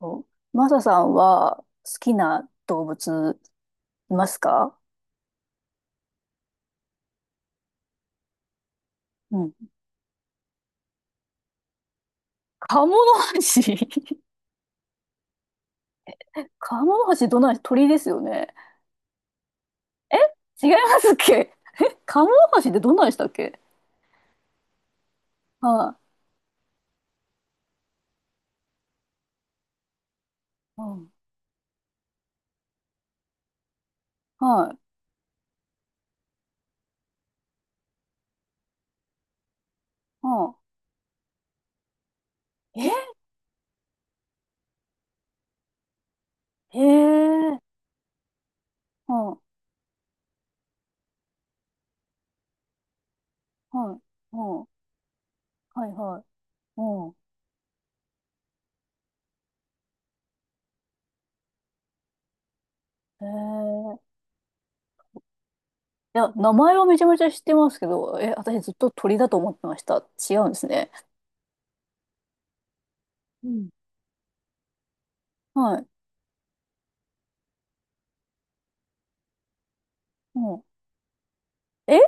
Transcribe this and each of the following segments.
そう、マサさんは好きな動物いますか？うん。カモノハシ。 カモノハシどんない鳥ですよね。え、違いますっけ？カモノハシってどんなんでしたっけ？はい。うん。はい。うん。え、へえ。うん。はい。うん。はいはい。うん。へえ。いや、名前はめちゃめちゃ知ってますけど、え、私ずっと鳥だと思ってました。違うんですね。うん、はい。うん。え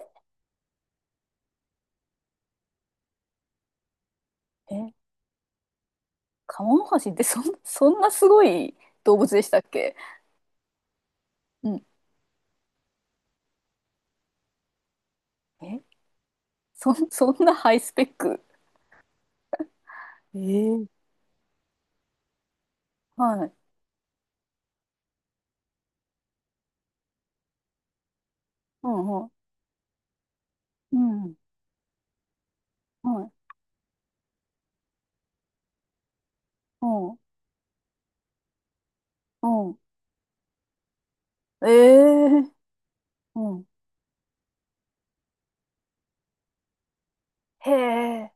え、カモノハシってそんなすごい動物でしたっけ？うん。え、そんなハイスペック。えー、はい。うんうん。うん。はい。うん。うん。ええ、うん。へえ。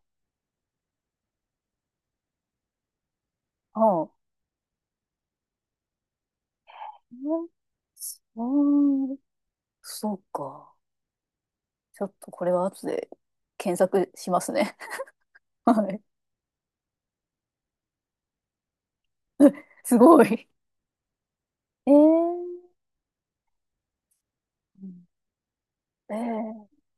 はあ。うん。そうか。ちょっとこれは後で検索しますね。はい。すごい。ええ、うん、ええ、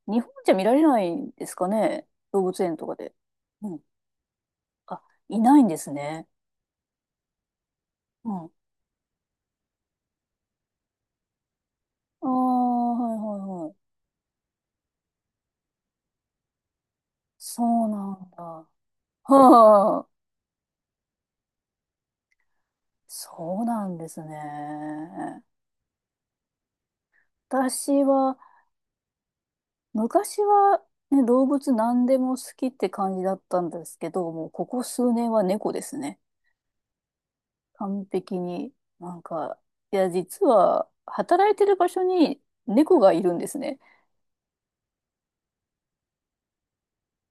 日本じゃ見られないんですかね、動物園とかで。うん、あ、いないんですね。うん。ああ、はいはいはい。そうなんだ。はあ、そうなんですね。私は、昔は、ね、動物何でも好きって感じだったんですけど、もうここ数年は猫ですね。完璧に。なんか、いや、実は、働いてる場所に猫がいるんですね。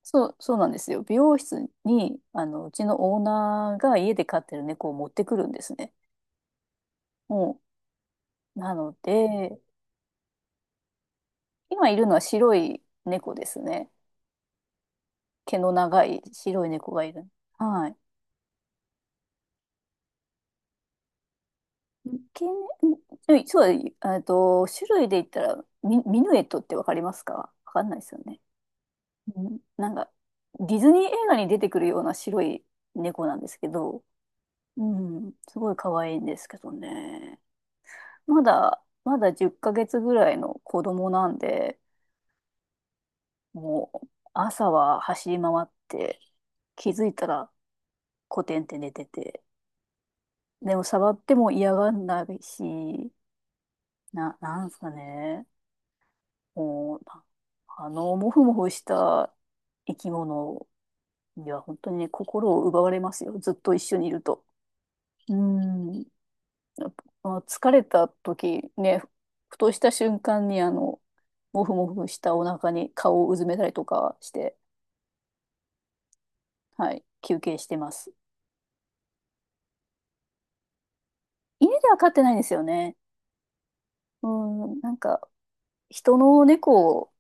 そう、そうなんですよ。美容室に、あの、うちのオーナーが家で飼ってる猫を持ってくるんですね。もうなので、今いるのは白い猫ですね。毛の長い白い猫がいる。はい。毛ね、うん、うん、そうだ、種類で言ったら、ミヌエットってわかりますか？わかんないですよね。うん、なんか、ディズニー映画に出てくるような白い猫なんですけど、うん、すごい可愛いんですけどね。まだ10ヶ月ぐらいの子供なんで、もう朝は走り回って、気づいたらコテンって寝てて。でも触っても嫌がんないし、なんすかね。もう、な、あの、もふもふした生き物には本当にね、心を奪われますよ。ずっと一緒にいると。うん。やっぱあ疲れた時ね、ふとした瞬間にあの、もふもふしたお腹に顔をうずめたりとかして、はい、休憩してます。家では飼ってないんですよね。うん、なんか、人の猫を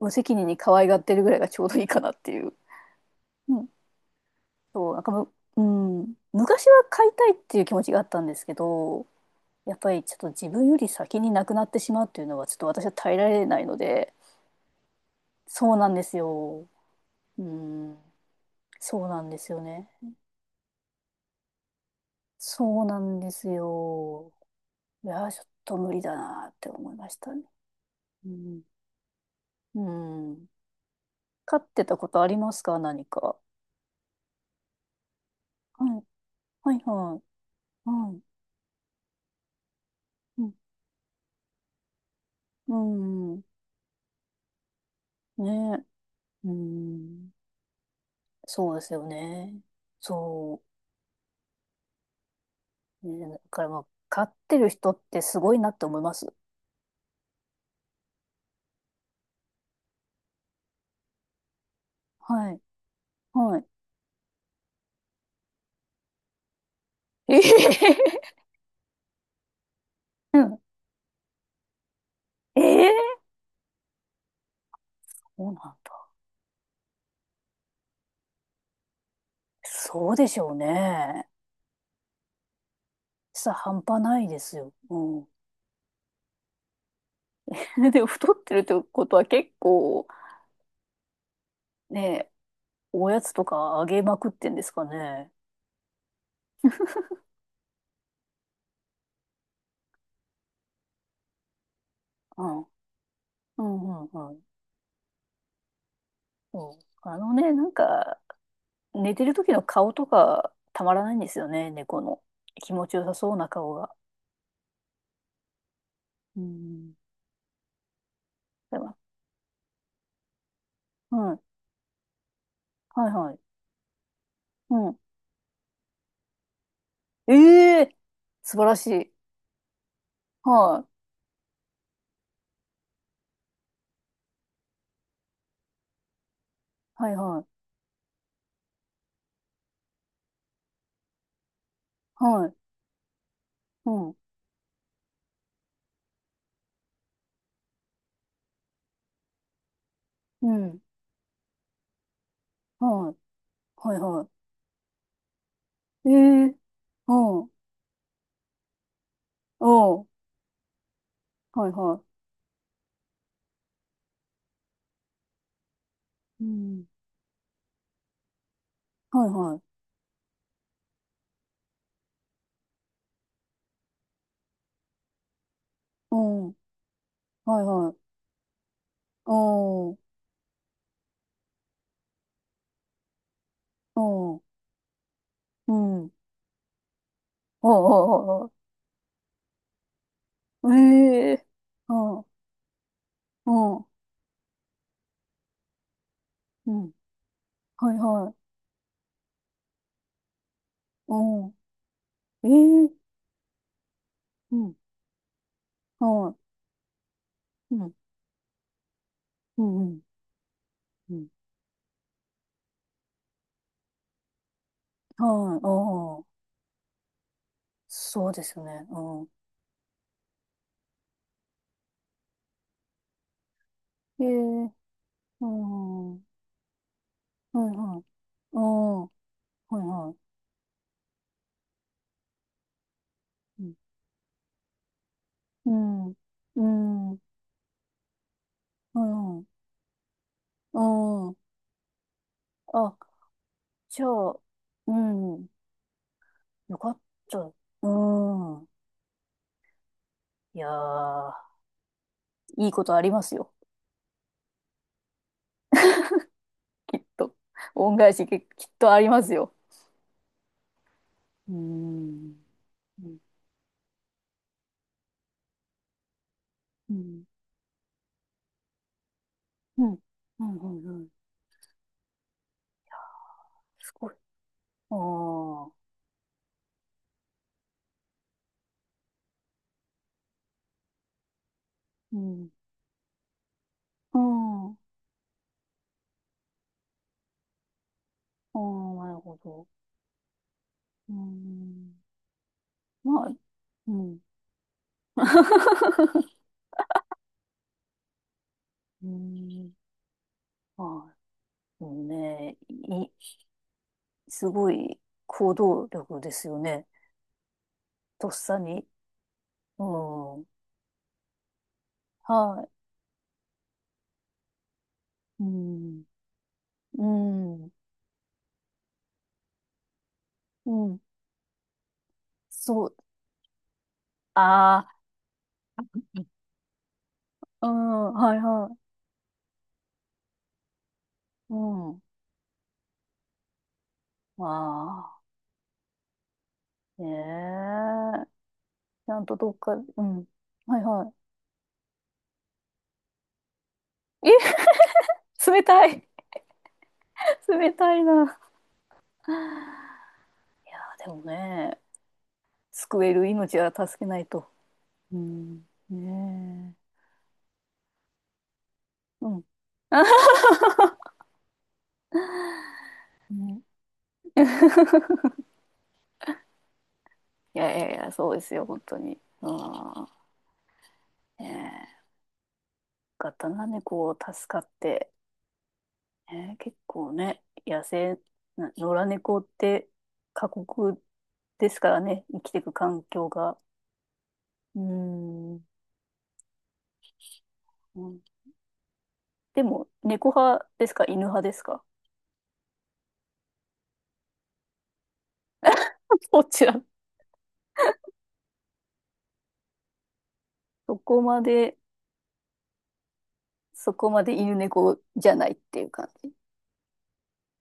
無責任に可愛がってるぐらいがちょうどいいかなっていう。うん、そう、なんか、うん、昔は飼いたいっていう気持ちがあったんですけど、やっぱりちょっと自分より先に亡くなってしまうっていうのはちょっと私は耐えられないので、そうなんですよ。うん、そうなんですよね。そうなんですよ。いやー、ちょっと無理だなって思いましたね。うん、うん、飼ってたことありますか、何か？はい、はい、はい、はい、うん、うん、ね、うーん、そうですよね。そう。ね、だからまあ、飼ってる人ってすごいなって思います。はい。はい。ええ、うん、ええ、そうなんだ。そうでしょうね。さ、半端ないですよ。うん。でも、太ってるってことは結構、ね、おやつとかあげまくってんですかね。うん。うん、うん、うん。うん、あのね、なんか、寝てる時の顔とかたまらないんですよね、猫の。気持ちよさそうな顔が。うん。でも、うん。はいはい。うん。ええ、素晴らしい。はい。はいはい。はい。うん。うん。はい。はいはい。ええ、うん。うん。はいはい。うん。はいはい。うん。はいはい。うん。うん。うん。ああ、ああ、ああ、ええ。ああ、うん。うん。はいはい。うん。ええ、うん。はい。うん。うん。うん。うん、はい。ああ。そうですよね。うん。ええ。うん。はいはい。ああ。はいはい。うん。うん。うん、はいはい。うん。あ、じゃあ、うん。よかった。うん。いやー、いいことありますよ。きっと。恩返しききっとありますよ。うん。うん。うん。うん。うん。うん。うん、すごい。ああ。うん。うん。ああ、なるほど。うん。まあ、うん。うん。まあ、そうね。い、すごい行動力ですよね。とっさに。うん。はい。うん。うん。うん。そう。ああ、うん。はいはい。うん。まああ、ねええ。ちゃんとどっか、うん。はいはい。え、冷たい。冷たいな。いや、でもね。救える命は助けないと。うん。ねえ。うん。ね、そうですよ、本当に。うん。ねえ。よかったな、猫を助かって。ねえ、結構ね、野生、な野良猫って過酷ですからね、生きていく環境が。うん。うん、でも、猫派ですか、犬派ですか？どちら？そこまで、そこまで犬猫じゃないっていう感じ。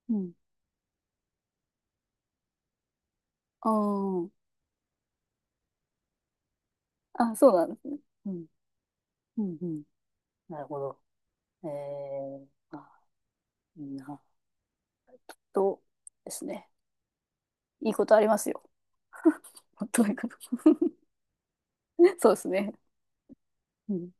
うん。ああ。あ、そうなんですね。うん。うん、うん。なるほど。えー、あ、いいな。と、ですね。いいことありますよ。とにこと。 そうですね。うん。